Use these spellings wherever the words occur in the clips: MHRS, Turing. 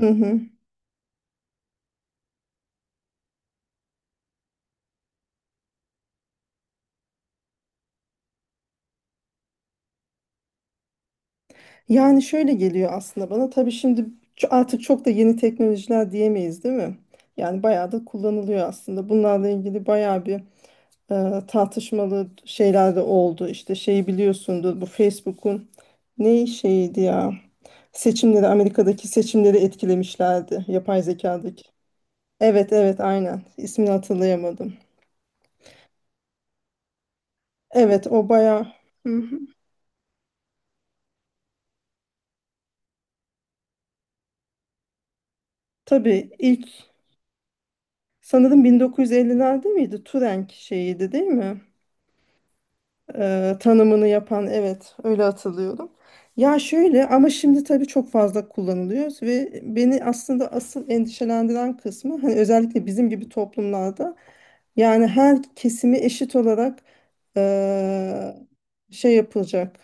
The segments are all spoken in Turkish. Hı hı. Yani şöyle geliyor aslında bana. Tabii şimdi artık çok da yeni teknolojiler diyemeyiz, değil mi? Yani bayağı da kullanılıyor aslında. Bunlarla ilgili bayağı bir tartışmalı şeyler de oldu. İşte şeyi biliyorsundur, bu Facebook'un ne şeydi ya? Seçimleri, Amerika'daki seçimleri etkilemişlerdi. Yapay zekadaki. Evet evet, aynen. İsmini hatırlayamadım. Evet, o bayağı. Hı hı. Tabii ilk sanırım 1950'lerde miydi? Turing şeyiydi değil mi? Tanımını yapan, evet, öyle hatırlıyorum. Ya şöyle, ama şimdi tabii çok fazla kullanılıyor ve beni aslında asıl endişelendiren kısmı hani özellikle bizim gibi toplumlarda yani her kesimi eşit olarak e, şey yapılacak,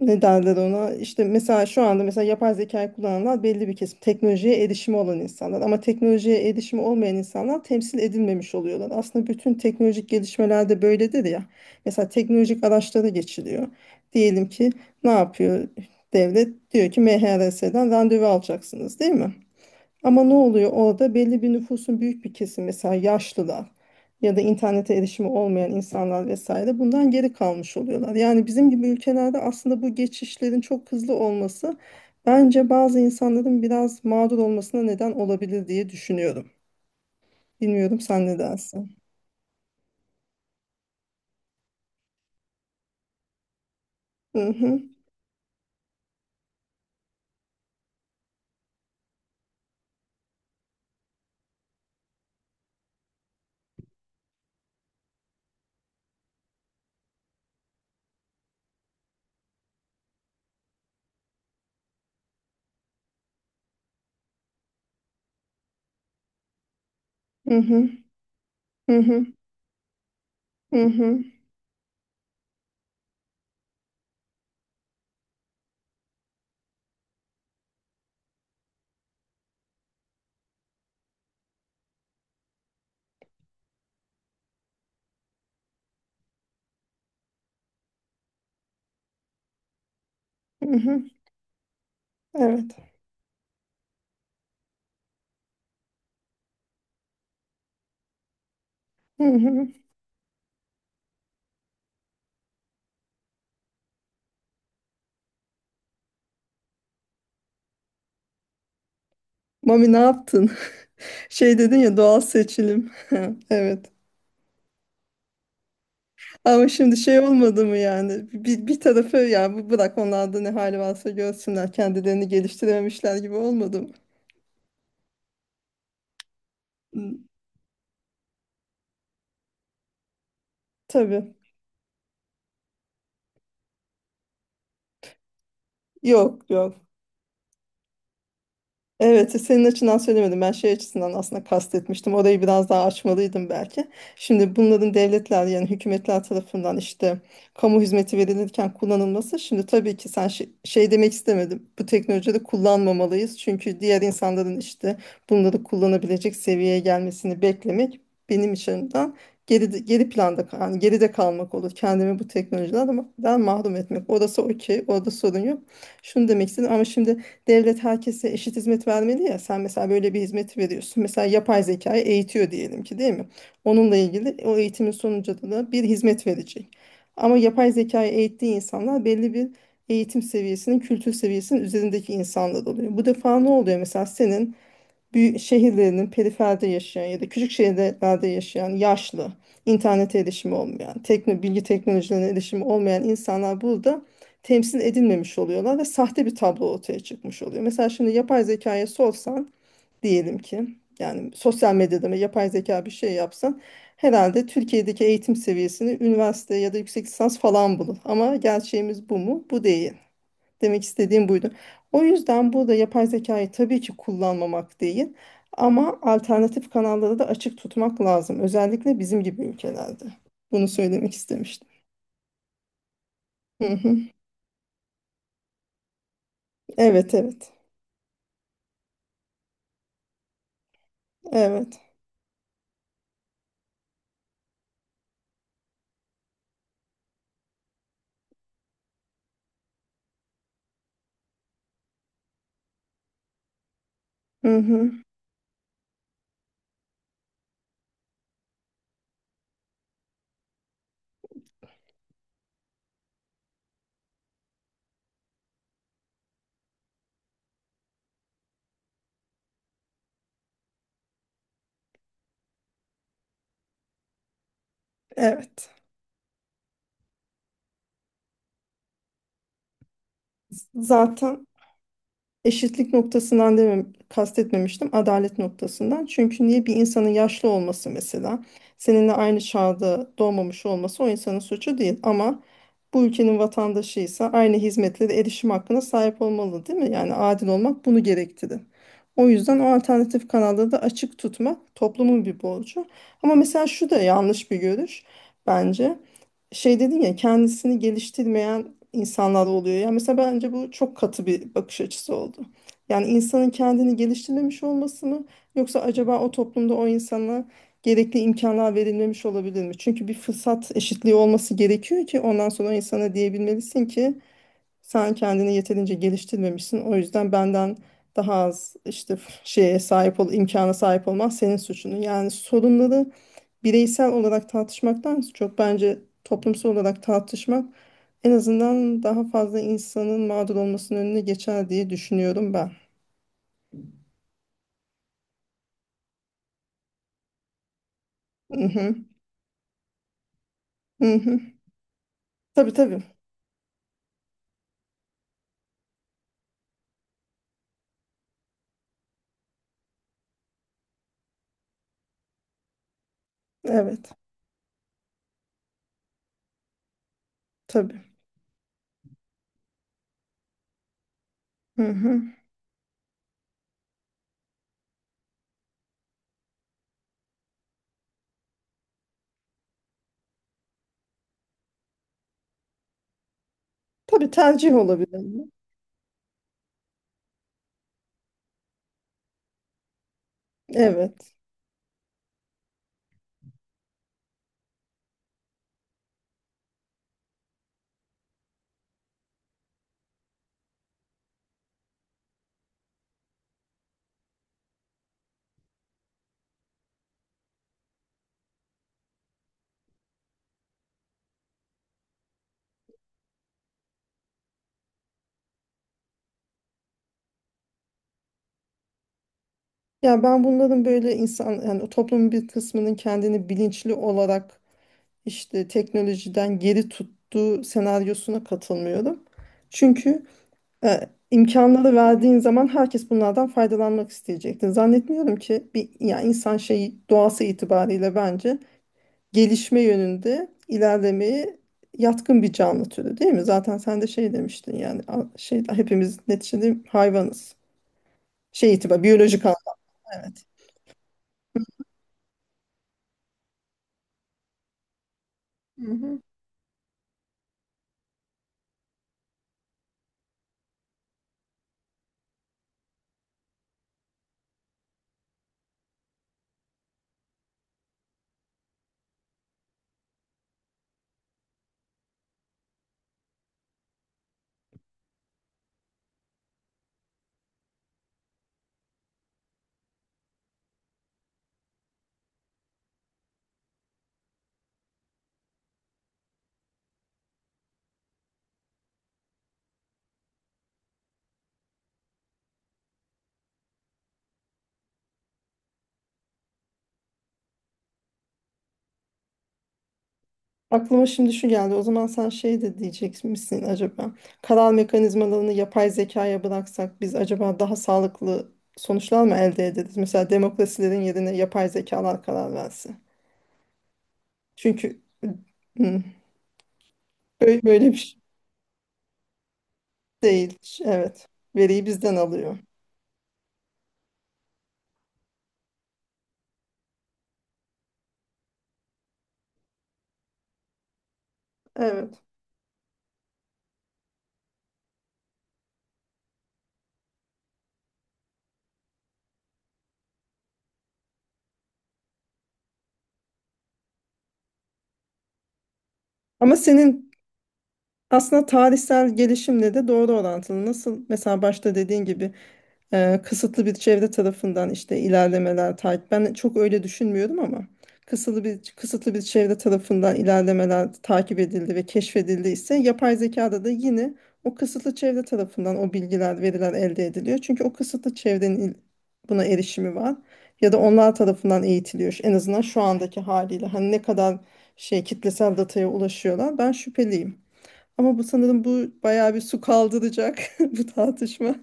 ne derler ona, işte mesela şu anda mesela yapay zekayı kullananlar belli bir kesim, teknolojiye erişimi olan insanlar, ama teknolojiye erişimi olmayan insanlar temsil edilmemiş oluyorlar. Aslında bütün teknolojik gelişmelerde böyledir ya, mesela teknolojik araçlara geçiliyor. Diyelim ki ne yapıyor devlet? Diyor ki MHRS'den randevu alacaksınız, değil mi? Ama ne oluyor orada? Belli bir nüfusun büyük bir kesimi, mesela yaşlılar ya da internete erişimi olmayan insanlar vesaire, bundan geri kalmış oluyorlar. Yani bizim gibi ülkelerde aslında bu geçişlerin çok hızlı olması bence bazı insanların biraz mağdur olmasına neden olabilir diye düşünüyorum. Bilmiyorum, sen ne dersin? Hı hı, hı hı, hı hı, hı hı, hı hı. Evet. Hı hı. Mami ne yaptın? Şey dedin ya, doğal seçilim. Evet. Ama şimdi şey olmadı mı, yani bir tarafı ya bu, bırak onlar da ne hali varsa görsünler, kendilerini geliştirememişler gibi olmadı mı? Hı, tabii. Yok yok. Evet, senin açından söylemedim. Ben şey açısından aslında kastetmiştim. Orayı biraz daha açmalıydım belki. Şimdi bunların devletler yani hükümetler tarafından işte kamu hizmeti verilirken kullanılması. Şimdi tabii ki sen şey, şey demek istemedim. Bu teknolojileri kullanmamalıyız. Çünkü diğer insanların işte bunları kullanabilecek seviyeye gelmesini beklemek benim açımdan geri planda yani geride kalmak olur. Kendimi bu teknolojilerden mahrum etmek. Orası okey. Orada sorun yok. Şunu demek istedim ama şimdi devlet herkese eşit hizmet vermeli ya. Sen mesela böyle bir hizmeti veriyorsun. Mesela yapay zekayı eğitiyor diyelim ki, değil mi? Onunla ilgili o eğitimin sonucunda da bir hizmet verecek. Ama yapay zekayı eğittiği insanlar belli bir eğitim seviyesinin, kültür seviyesinin üzerindeki insanlar oluyor. Bu defa ne oluyor? Mesela senin büyük şehirlerinin periferde yaşayan ya da küçük şehirlerde yaşayan yaşlı, internete erişimi olmayan, tekno, bilgi teknolojilerine erişimi olmayan insanlar burada temsil edilmemiş oluyorlar ve sahte bir tablo ortaya çıkmış oluyor. Mesela şimdi yapay zekaya sorsan, diyelim ki, yani sosyal medyada mı yapay zeka bir şey yapsan, herhalde Türkiye'deki eğitim seviyesini üniversite ya da yüksek lisans falan bulur. Ama gerçeğimiz bu mu? Bu değil. Demek istediğim buydu. O yüzden burada yapay zekayı tabii ki kullanmamak değil, ama alternatif kanalları da açık tutmak lazım. Özellikle bizim gibi ülkelerde. Bunu söylemek istemiştim. Hı hı. Evet, evet. Evet. Hı hı. Evet. Zaten eşitlik noktasından demem, kastetmemiştim. Adalet noktasından. Çünkü niye bir insanın yaşlı olması mesela, seninle aynı çağda doğmamış olması o insanın suçu değil. Ama bu ülkenin vatandaşıysa aynı hizmetlere erişim hakkına sahip olmalı, değil mi? Yani adil olmak bunu gerektirir. O yüzden o alternatif kanalları da açık tutmak toplumun bir borcu. Ama mesela şu da yanlış bir görüş bence. Şey dedin ya, kendisini geliştirmeyen insanlar oluyor. Yani mesela bence bu çok katı bir bakış açısı oldu. Yani insanın kendini geliştirmemiş olması mı, yoksa acaba o toplumda o insana gerekli imkanlar verilmemiş olabilir mi? Çünkü bir fırsat eşitliği olması gerekiyor ki ondan sonra o insana diyebilmelisin ki sen kendini yeterince geliştirmemişsin. O yüzden benden daha az işte şeye sahip ol, imkana sahip olman senin suçun. Yani sorunları bireysel olarak tartışmaktan çok bence toplumsal olarak tartışmak en azından daha fazla insanın mağdur olmasının önüne geçer diye düşünüyorum ben. Hı-hı. Hı-hı. Tabii tabii. Evet. Tabii. Hı-hı. Tabii, tercih olabilir. Evet. Ya ben bunların böyle insan yani o toplumun bir kısmının kendini bilinçli olarak işte teknolojiden geri tuttuğu senaryosuna katılmıyorum. Çünkü E, imkanları verdiğin zaman herkes bunlardan faydalanmak isteyecektir. Zannetmiyorum ki bir, yani insan şeyi doğası itibariyle bence gelişme yönünde ilerlemeye yatkın bir canlı türü, değil mi? Zaten sen de şey demiştin, yani şey, hepimiz neticede hayvanız. Şey itibar, biyolojik anlamda evet. Hı hı. Aklıma şimdi şu geldi. O zaman sen şey de diyecek misin acaba? Karar mekanizmalarını yapay zekaya bıraksak biz acaba daha sağlıklı sonuçlar mı elde ederiz? Mesela demokrasilerin yerine yapay zekalar karar verse. Çünkü hı, böyle bir şey değil. Evet. Veriyi bizden alıyor. Evet. Ama senin aslında tarihsel gelişimle de doğru orantılı. Nasıl mesela başta dediğin gibi kısıtlı bir çevre tarafından işte ilerlemeler takip. Ben çok öyle düşünmüyorum ama kısıtlı bir çevre tarafından ilerlemeler takip edildi ve keşfedildi ise yapay zekada da yine o kısıtlı çevre tarafından o bilgiler, veriler elde ediliyor. Çünkü o kısıtlı çevrenin buna erişimi var ya da onlar tarafından eğitiliyor. En azından şu andaki haliyle hani ne kadar şey kitlesel dataya ulaşıyorlar ben şüpheliyim. Ama bu sanırım bu bayağı bir su kaldıracak bu tartışma.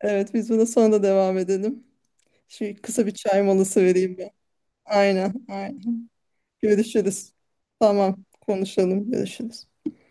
Evet, biz buna sonra da devam edelim. Şimdi kısa bir çay molası vereyim ben. Aynen, aynen. Görüşürüz. Tamam, konuşalım, görüşürüz.